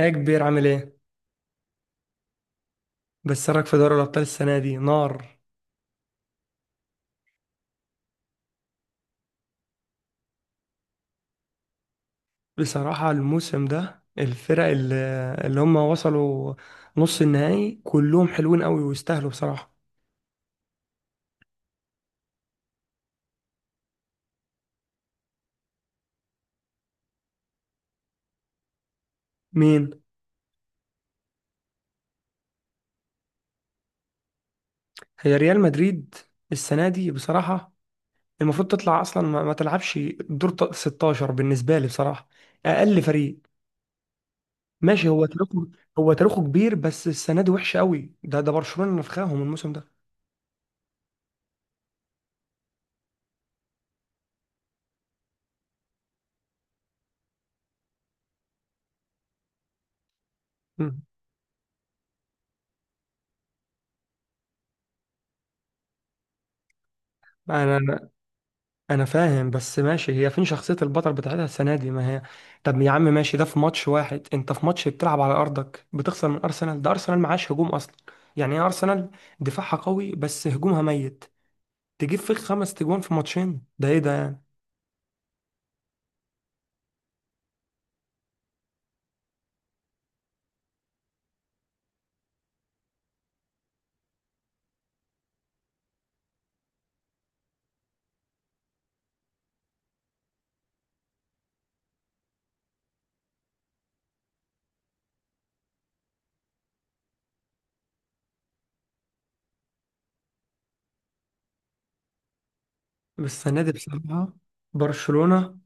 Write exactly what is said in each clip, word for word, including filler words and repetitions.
ايه يا كبير، عامل ايه؟ بس رايك في دوري الأبطال السنة دي نار. بصراحة الموسم ده الفرق اللي, اللي هم وصلوا نص النهائي كلهم حلوين قوي ويستاهلوا بصراحة. مين؟ هي ريال مدريد السنة دي بصراحة المفروض تطلع أصلا ما, ما تلعبش دور ت- ستاشر بالنسبة لي بصراحة. أقل فريق، ماشي هو تاريخه. هو تاريخه كبير، بس السنة دي وحشة قوي، ده ده برشلونة نفخاهم الموسم ده. مم. أنا انا فاهم، بس ماشي هي فين شخصية البطل بتاعتها السنة دي ما هي. طب يا عم ماشي، ده في ماتش واحد انت في ماتش بتلعب على ارضك بتخسر من ارسنال، ده ارسنال معاش هجوم اصلا. يعني ايه ارسنال؟ دفاعها قوي بس هجومها ميت. تجيب فيك خمس تجوان في ماتشين، ده ايه ده يعني؟ بس السنة دي بصراحة برشلونة،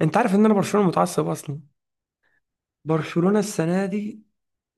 انت عارف ان انا برشلونة متعصب اصلا. برشلونة السنة دي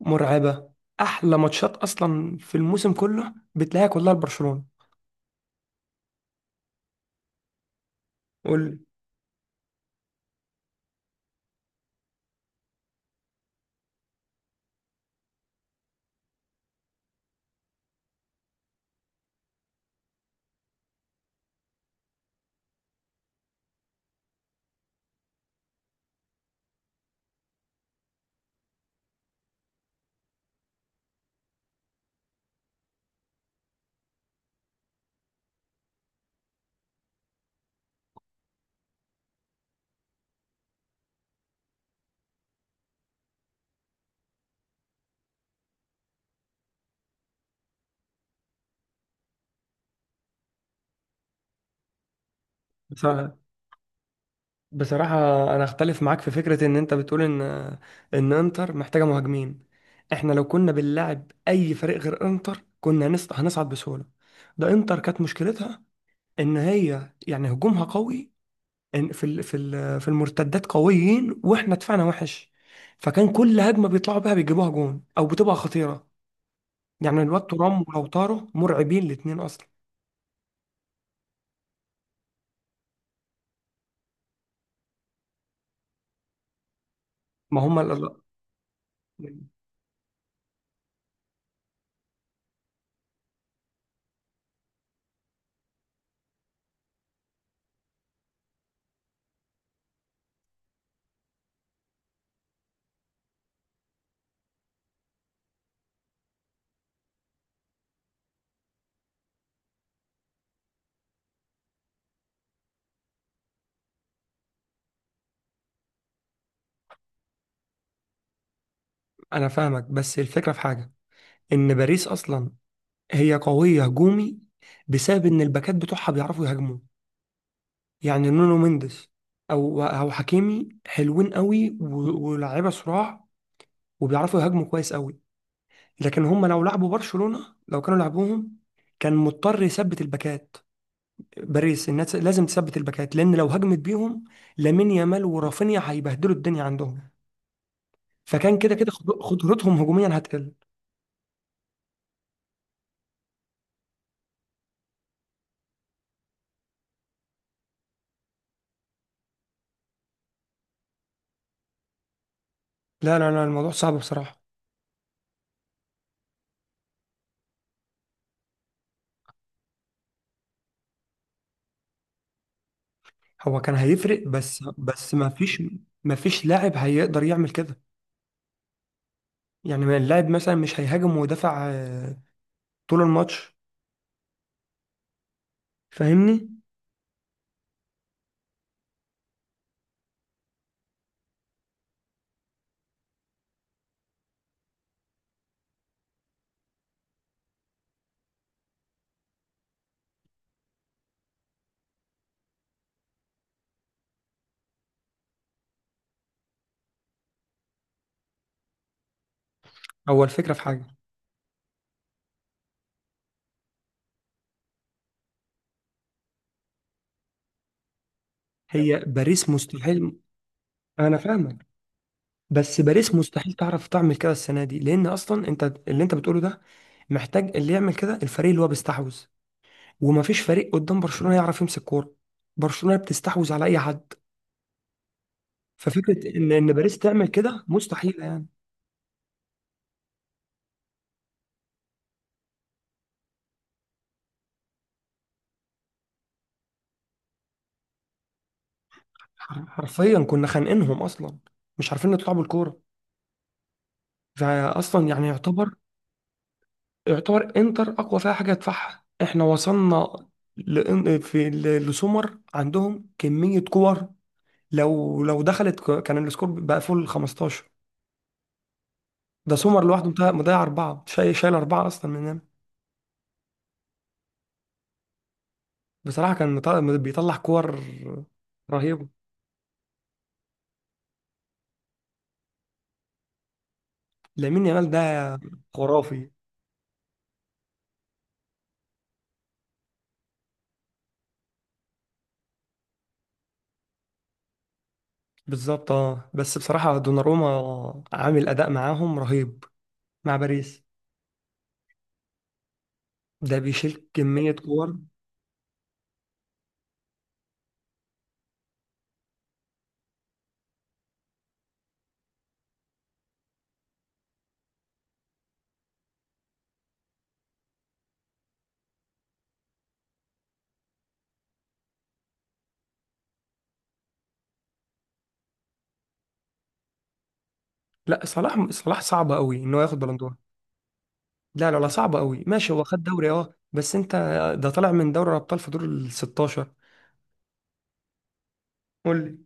مرعبة. احلى ماتشات اصلا في الموسم كله بتلاقيها كلها لبرشلونة. قول لي. بس- بصراحة، أنا أختلف معاك في فكرة إن أنت بتقول إن إن إنتر محتاجة مهاجمين، إحنا لو كنا بنلعب أي فريق غير إنتر كنا هنص- هنصعد بسهولة، ده إنتر كانت مشكلتها إن هي يعني هجومها قوي، إن في ال في ال في المرتدات قويين وإحنا دفاعنا وحش، فكان كل هجمة بيطلعوا بيها بيجيبوها جون أو بتبقى خطيرة، يعني الواد ترام ولوتارو مرعبين الاتنين أصلا. ما هما ال- أنا فاهمك، بس الفكرة في حاجة، إن باريس أصلا هي قوية هجومي بسبب إن الباكات بتوعها بيعرفوا يهاجموا، يعني نونو مينديز أو أو حكيمي حلوين قوي، و- ولاعيبة صراع وبيعرفوا يهاجموا كويس قوي. لكن هم لو لعبوا برشلونة، لو كانوا لعبوهم كان مضطر يثبت الباكات. باريس الناس لازم تثبت الباكات لأن لو هجمت بيهم لامين يامال ورافينيا هيبهدلوا الدنيا عندهم، فكان كده كده خد- خطورتهم هجوميا هتقل. لا لا لا، الموضوع صعب بصراحة. هو كان هيفرق، بس بس ما فيش، ما فيش لاعب هيقدر يعمل كده. يعني ما اللاعب مثلا مش هيهاجم ويدافع آه، طول الماتش، فاهمني. هو الفكرة في حاجة، هي باريس مستحيل. انا فاهمك، بس باريس مستحيل تعرف تعمل كده السنة دي لان اصلا انت اللي انت بتقوله ده محتاج اللي يعمل كده الفريق اللي هو بيستحوذ، وما فيش فريق قدام برشلونة يعرف يمسك كورة، برشلونة بتستحوذ على اي حد. ففكرة ان ان باريس تعمل كده مستحيلة يعني. حر- حرفيا كنا خانقينهم اصلا، مش عارفين نطلع بالكوره. فاصلا يعني يعتبر يعتبر انتر اقوى فيها حاجه يدفعها احنا وصلنا لإن- في ل- لسومر عندهم كميه كور. لو لو دخلت ك- كان السكور بقى فوق ال خمستاشر. ده سومر لوحده مضيع مضيع اربعه، شايل شايل اربعه اصلا مننا. بصراحه كان مط- بيطلع كور رهيبه. لامين يامال ده خرافي. بالظبط. اه بس بصراحه دوناروما عامل اداء معاهم رهيب مع باريس، ده بيشيل كمية كور. لا، صلاح صلاح صعب قوي ان هو ياخد بلندور. لا لا لا، صعب قوي. ماشي هو خد دوري اه، بس انت، ده طالع من دوري الابطال في دور ال ستاشر. قول لي.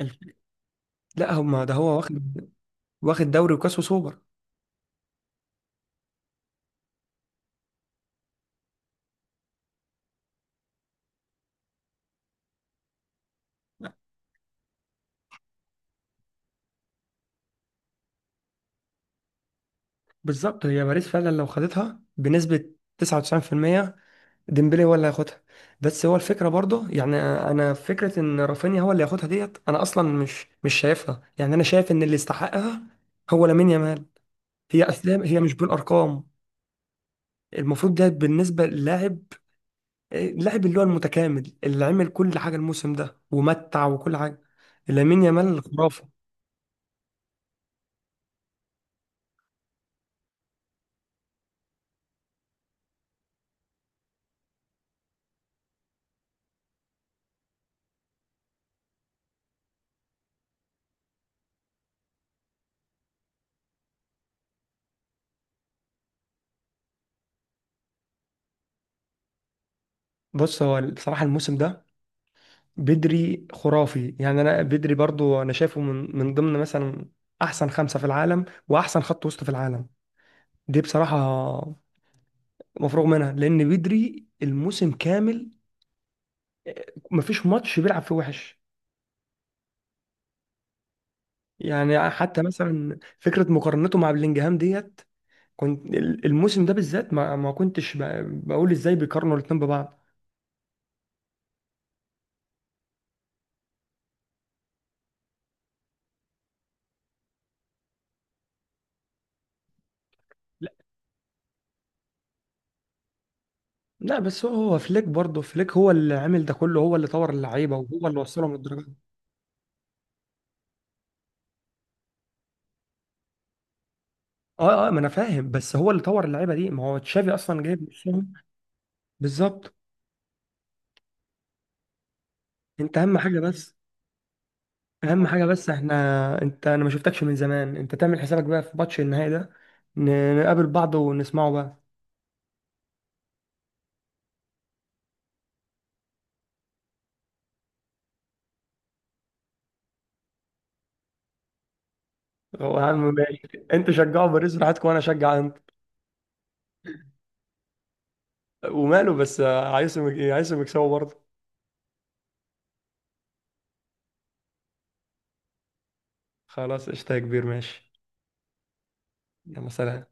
الف- لا هما ده هو واخد، واخد دوري وكاس وسوبر. بالظبط، هي باريس فعلا لو خدتها بنسبة تسعة وتسعين في المية ديمبلي هو اللي هياخدها. بس هو الفكرة برضه يعني انا، فكرة ان رافينيا هو اللي هياخدها ديت انا اصلا مش مش شايفها، يعني انا شايف ان اللي يستحقها هو لامين يامال. هي اسلام، هي مش بالارقام المفروض ده، بالنسبة للاعب، اللاعب اللي هو المتكامل اللي عمل كل حاجة الموسم ده ومتع وكل حاجة، لامين يامال خرافة. بص هو بصراحة الموسم ده بدري خرافي، يعني أنا بدري برضو أنا شايفه من من ضمن مثلا أحسن خمسة في العالم وأحسن خط وسط في العالم. دي بصراحة مفروغ منها، لأن بدري الموسم كامل مفيش ماتش بيلعب فيه وحش، يعني حتى مثلا فكرة مقارنته مع بلينجهام ديت كنت، ال- الموسم ده بالذات ما, ما كنتش ب- بقول ازاي بيقارنوا الاتنين ببعض. لا لا، بس هو هو فليك برضه، فليك هو اللي عامل ده كله، هو اللي طور اللعيبة وهو اللي وصلهم للدرجة دي. اه اه، ما انا فاهم، بس هو اللي طور اللعيبة دي ما هو تشافي اصلا جايب نفسهم. بالظبط. انت اهم حاجة بس، اهم حاجة بس احنا، انت انا ما شفتكش من زمان، انت تعمل حسابك بقى في ماتش النهائي ده، ن- نقابل بعض ونسمعه بقى. هو أهم- انت شجعه باريس براحتكم وانا اشجع. وماله، بس عايزهم عايزهم يكسبوا برضه. خلاص قشطة يا كبير ماشي. يلا سلام.